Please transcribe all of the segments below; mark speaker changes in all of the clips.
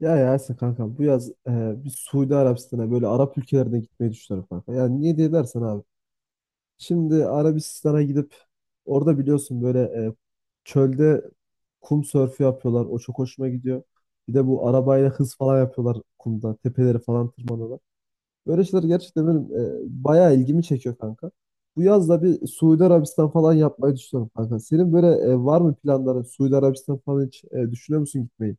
Speaker 1: Ya Yasin kanka bu yaz bir Suudi Arabistan'a böyle Arap ülkelerine gitmeyi düşünüyorum kanka. Yani niye diye dersen abi. Şimdi Arabistan'a gidip orada biliyorsun böyle e, çölde kum sörfü yapıyorlar. O çok hoşuma gidiyor. Bir de bu arabayla hız falan yapıyorlar kumda. Tepeleri falan tırmanıyorlar. Böyle şeyler gerçekten benim bayağı ilgimi çekiyor kanka. Bu yaz da bir Suudi Arabistan falan yapmayı düşünüyorum kanka. Senin böyle var mı planların? Suudi Arabistan falan hiç düşünüyor musun gitmeyi?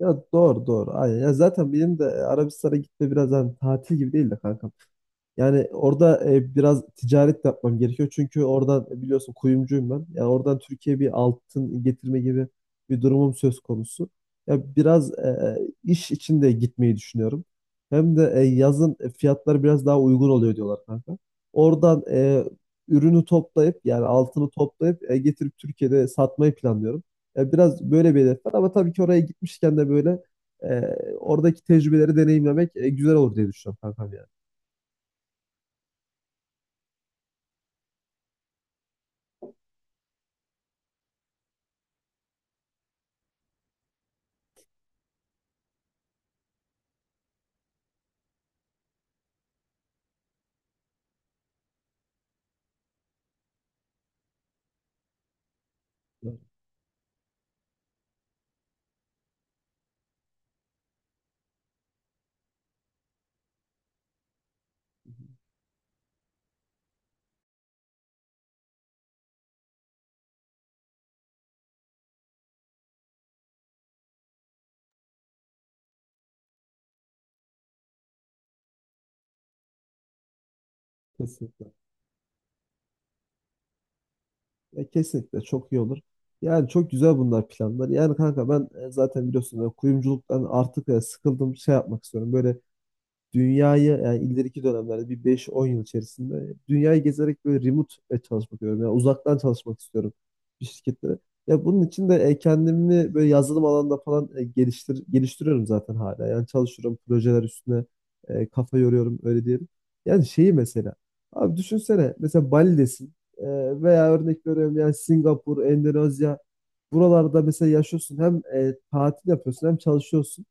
Speaker 1: Ya doğru doğru. Aynen. Ya zaten benim de Arabistan'a gitme biraz hani tatil gibi değil de kanka. Yani orada biraz ticaret de yapmam gerekiyor. Çünkü oradan biliyorsun kuyumcuyum ben. Yani oradan Türkiye'ye bir altın getirme gibi bir durumum söz konusu. Ya biraz iş için de gitmeyi düşünüyorum. Hem de yazın fiyatlar biraz daha uygun oluyor diyorlar kanka. Oradan ürünü toplayıp yani altını toplayıp getirip Türkiye'de satmayı planlıyorum. Ya biraz böyle bir hedef var ama tabii ki oraya gitmişken de böyle e, oradaki tecrübeleri deneyimlemek güzel olur diye düşünüyorum kankam. Evet. Kesinlikle. Ya kesinlikle çok iyi olur. Yani çok güzel bunlar planlar. Yani kanka ben zaten biliyorsun kuyumculuktan artık sıkıldım, şey yapmak istiyorum. Böyle dünyayı yani ileriki dönemlerde bir beş on yıl içerisinde dünyayı gezerek böyle remote çalışmak istiyorum. Yani uzaktan çalışmak istiyorum bir şirketlere. Ya bunun için de kendimi böyle yazılım alanında falan geliştiriyorum zaten hala. Yani çalışıyorum projeler üstüne, kafa yoruyorum öyle diyelim. Yani şeyi mesela abi düşünsene, mesela Bali'desin, veya örnek veriyorum yani Singapur, Endonezya, buralarda mesela yaşıyorsun, hem tatil yapıyorsun hem çalışıyorsun.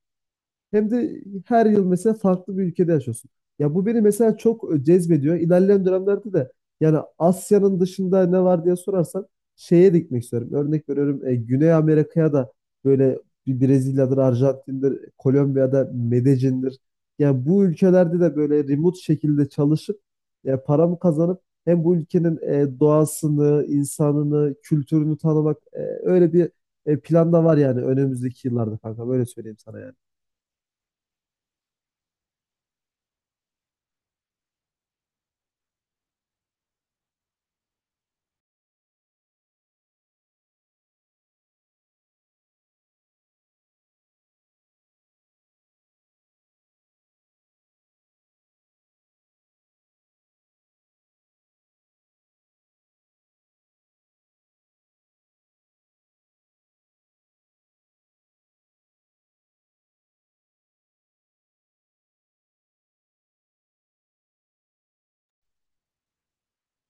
Speaker 1: Hem de her yıl mesela farklı bir ülkede yaşıyorsun. Ya bu beni mesela çok cezbediyor. İlerleyen dönemlerde de yani Asya'nın dışında ne var diye sorarsan şeye de gitmek istiyorum. Örnek veriyorum, Güney Amerika'ya da, böyle bir Brezilya'dır, Arjantin'dir, Kolombiya'da Medellin'dir. Yani bu ülkelerde de böyle remote şekilde çalışıp ya paramı kazanıp hem bu ülkenin doğasını, insanını, kültürünü tanımak, öyle bir plan da var yani önümüzdeki yıllarda kanka. Böyle söyleyeyim sana yani.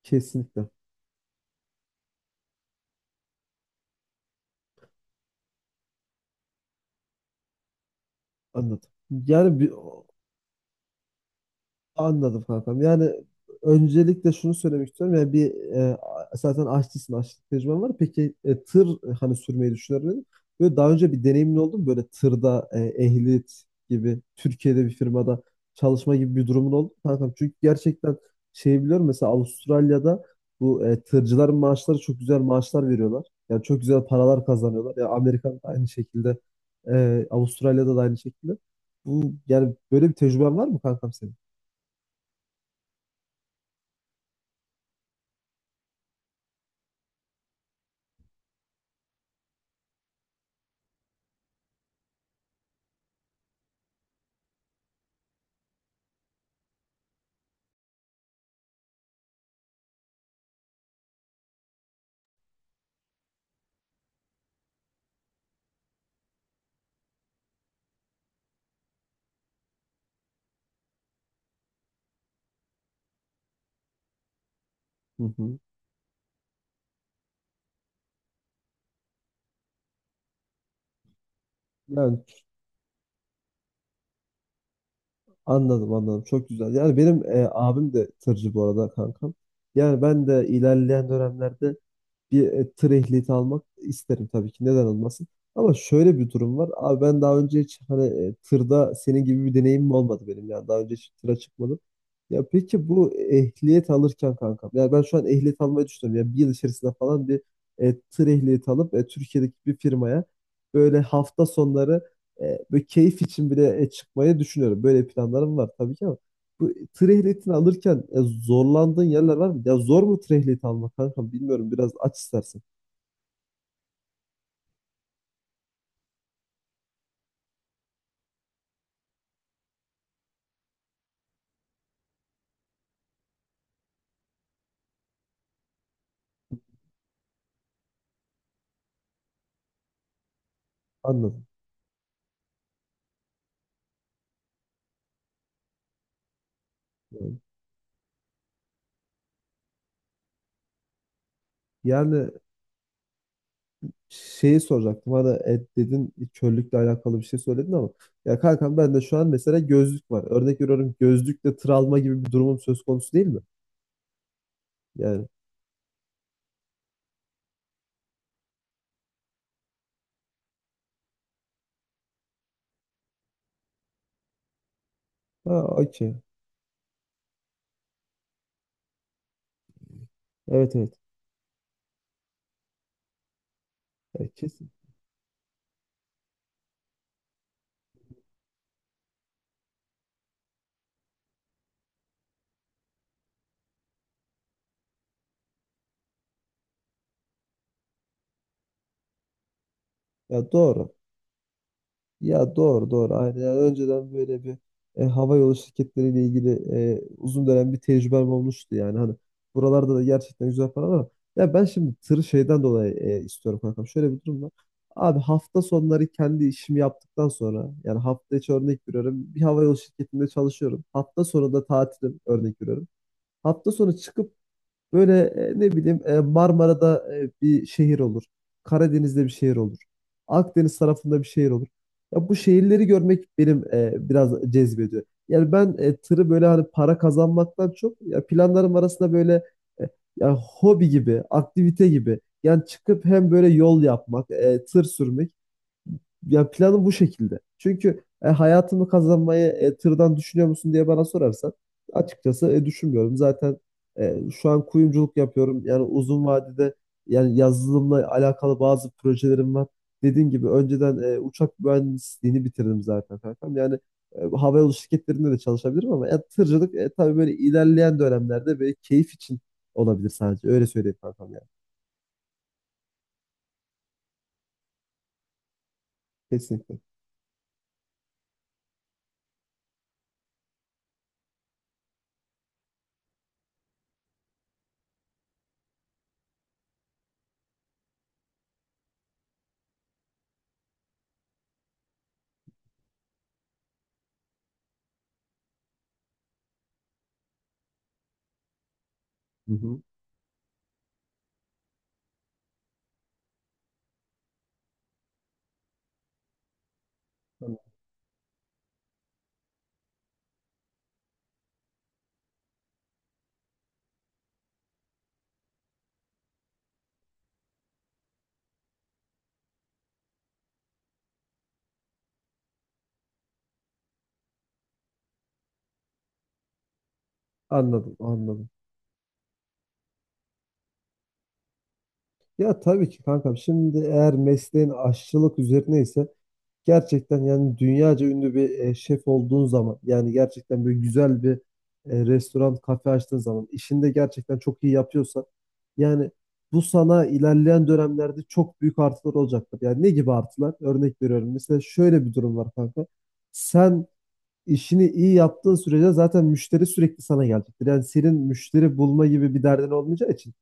Speaker 1: Kesinlikle. Anladım. Yani bir, anladım kankam. Yani öncelikle şunu söylemek istiyorum. Yani bir, zaten aşçısın, aşçılık tecrüben var. Peki tır, hani sürmeyi düşünüyorum dedim. Böyle daha önce bir deneyimin oldu mu? Böyle tırda ehliyet gibi Türkiye'de bir firmada çalışma gibi bir durumun oldu mu kankam? Çünkü gerçekten şey biliyorum, mesela Avustralya'da bu tırcıların maaşları, çok güzel maaşlar veriyorlar. Yani çok güzel paralar kazanıyorlar. Yani Amerika'da aynı şekilde, Avustralya'da da aynı şekilde. Bu yani böyle bir tecrüben var mı kankam senin? Hı hı. Yani anladım anladım, çok güzel. Yani benim abim de tırcı bu arada kankam. Yani ben de ilerleyen dönemlerde bir tır ehliyeti almak isterim tabii ki. Neden olmasın? Ama şöyle bir durum var. Abi, ben daha önce hiç hani tırda senin gibi bir deneyimim olmadı benim. Yani daha önce hiç tıra çıkmadım. Ya peki bu ehliyet alırken kankam, yani ben şu an ehliyet almayı düşünüyorum. Yani bir yıl içerisinde falan bir tır ehliyeti alıp Türkiye'deki bir firmaya böyle hafta sonları, böyle keyif için bile çıkmayı düşünüyorum. Böyle planlarım var tabii ki ama. Bu tır ehliyetini alırken zorlandığın yerler var mı? Ya zor mu tır ehliyeti almak kanka? Bilmiyorum. Biraz aç istersen. Anladım. Yani, yani şeyi soracaktım. Hani dedin, körlükle alakalı bir şey söyledin ama ya kankam, ben de şu an mesela gözlük var. Örnek veriyorum, gözlükle tır alma gibi bir durumum söz konusu değil mi? Yani. Ha, okey. Evet, evet. Ya, kesin. Ya doğru. Ya doğru doğru, aynen. Yani önceden böyle bir hava yolu şirketleriyle ilgili uzun dönem bir tecrübem olmuştu yani. Hani buralarda da gerçekten güzel para var, ama ya ben şimdi tır şeyden dolayı istiyorum kankam. Şöyle bir durum var. Abi, hafta sonları kendi işimi yaptıktan sonra, yani hafta içi örnek veriyorum, bir hava yolu şirketinde çalışıyorum. Hafta sonu da tatilim örnek veriyorum. Hafta sonu çıkıp böyle, ne bileyim, Marmara'da bir şehir olur. Karadeniz'de bir şehir olur. Akdeniz tarafında bir şehir olur. Ya bu şehirleri görmek benim biraz cezbediyor. Yani ben tırı böyle hani para kazanmaktan çok ya planlarım arasında böyle, e, ya hobi gibi, aktivite gibi. Yani çıkıp hem böyle yol yapmak, tır sürmek, ya planım bu şekilde. Çünkü hayatımı kazanmayı tırdan düşünüyor musun diye bana sorarsan açıkçası düşünmüyorum. Zaten şu an kuyumculuk yapıyorum. Yani uzun vadede, yani yazılımla alakalı bazı projelerim var. Dediğim gibi önceden uçak mühendisliğini bitirdim zaten kankam. Yani havayolu şirketlerinde de çalışabilirim, ama ya, tırcılık, tabii böyle ilerleyen dönemlerde böyle keyif için olabilir sadece. Öyle söyleyeyim kankam yani. Kesinlikle. Hı hı. Anladım, anladım. Ya tabii ki kankam. Şimdi eğer mesleğin aşçılık üzerine ise, gerçekten yani dünyaca ünlü bir şef olduğun zaman, yani gerçekten böyle güzel bir restoran, kafe açtığın zaman, işini de gerçekten çok iyi yapıyorsan, yani bu sana ilerleyen dönemlerde çok büyük artılar olacaktır. Yani ne gibi artılar? Örnek veriyorum. Mesela şöyle bir durum var kanka. Sen işini iyi yaptığın sürece zaten müşteri sürekli sana gelecektir. Yani senin müşteri bulma gibi bir derdin olmayacağı için,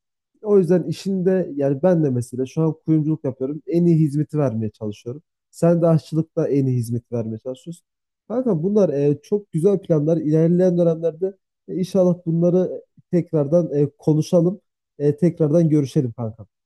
Speaker 1: o yüzden işinde, yani ben de mesela şu an kuyumculuk yapıyorum. En iyi hizmeti vermeye çalışıyorum. Sen de aşçılıkta en iyi hizmeti vermeye çalışıyorsun. Kanka bunlar çok güzel planlar. İlerleyen dönemlerde inşallah bunları tekrardan konuşalım. Tekrardan görüşelim kanka.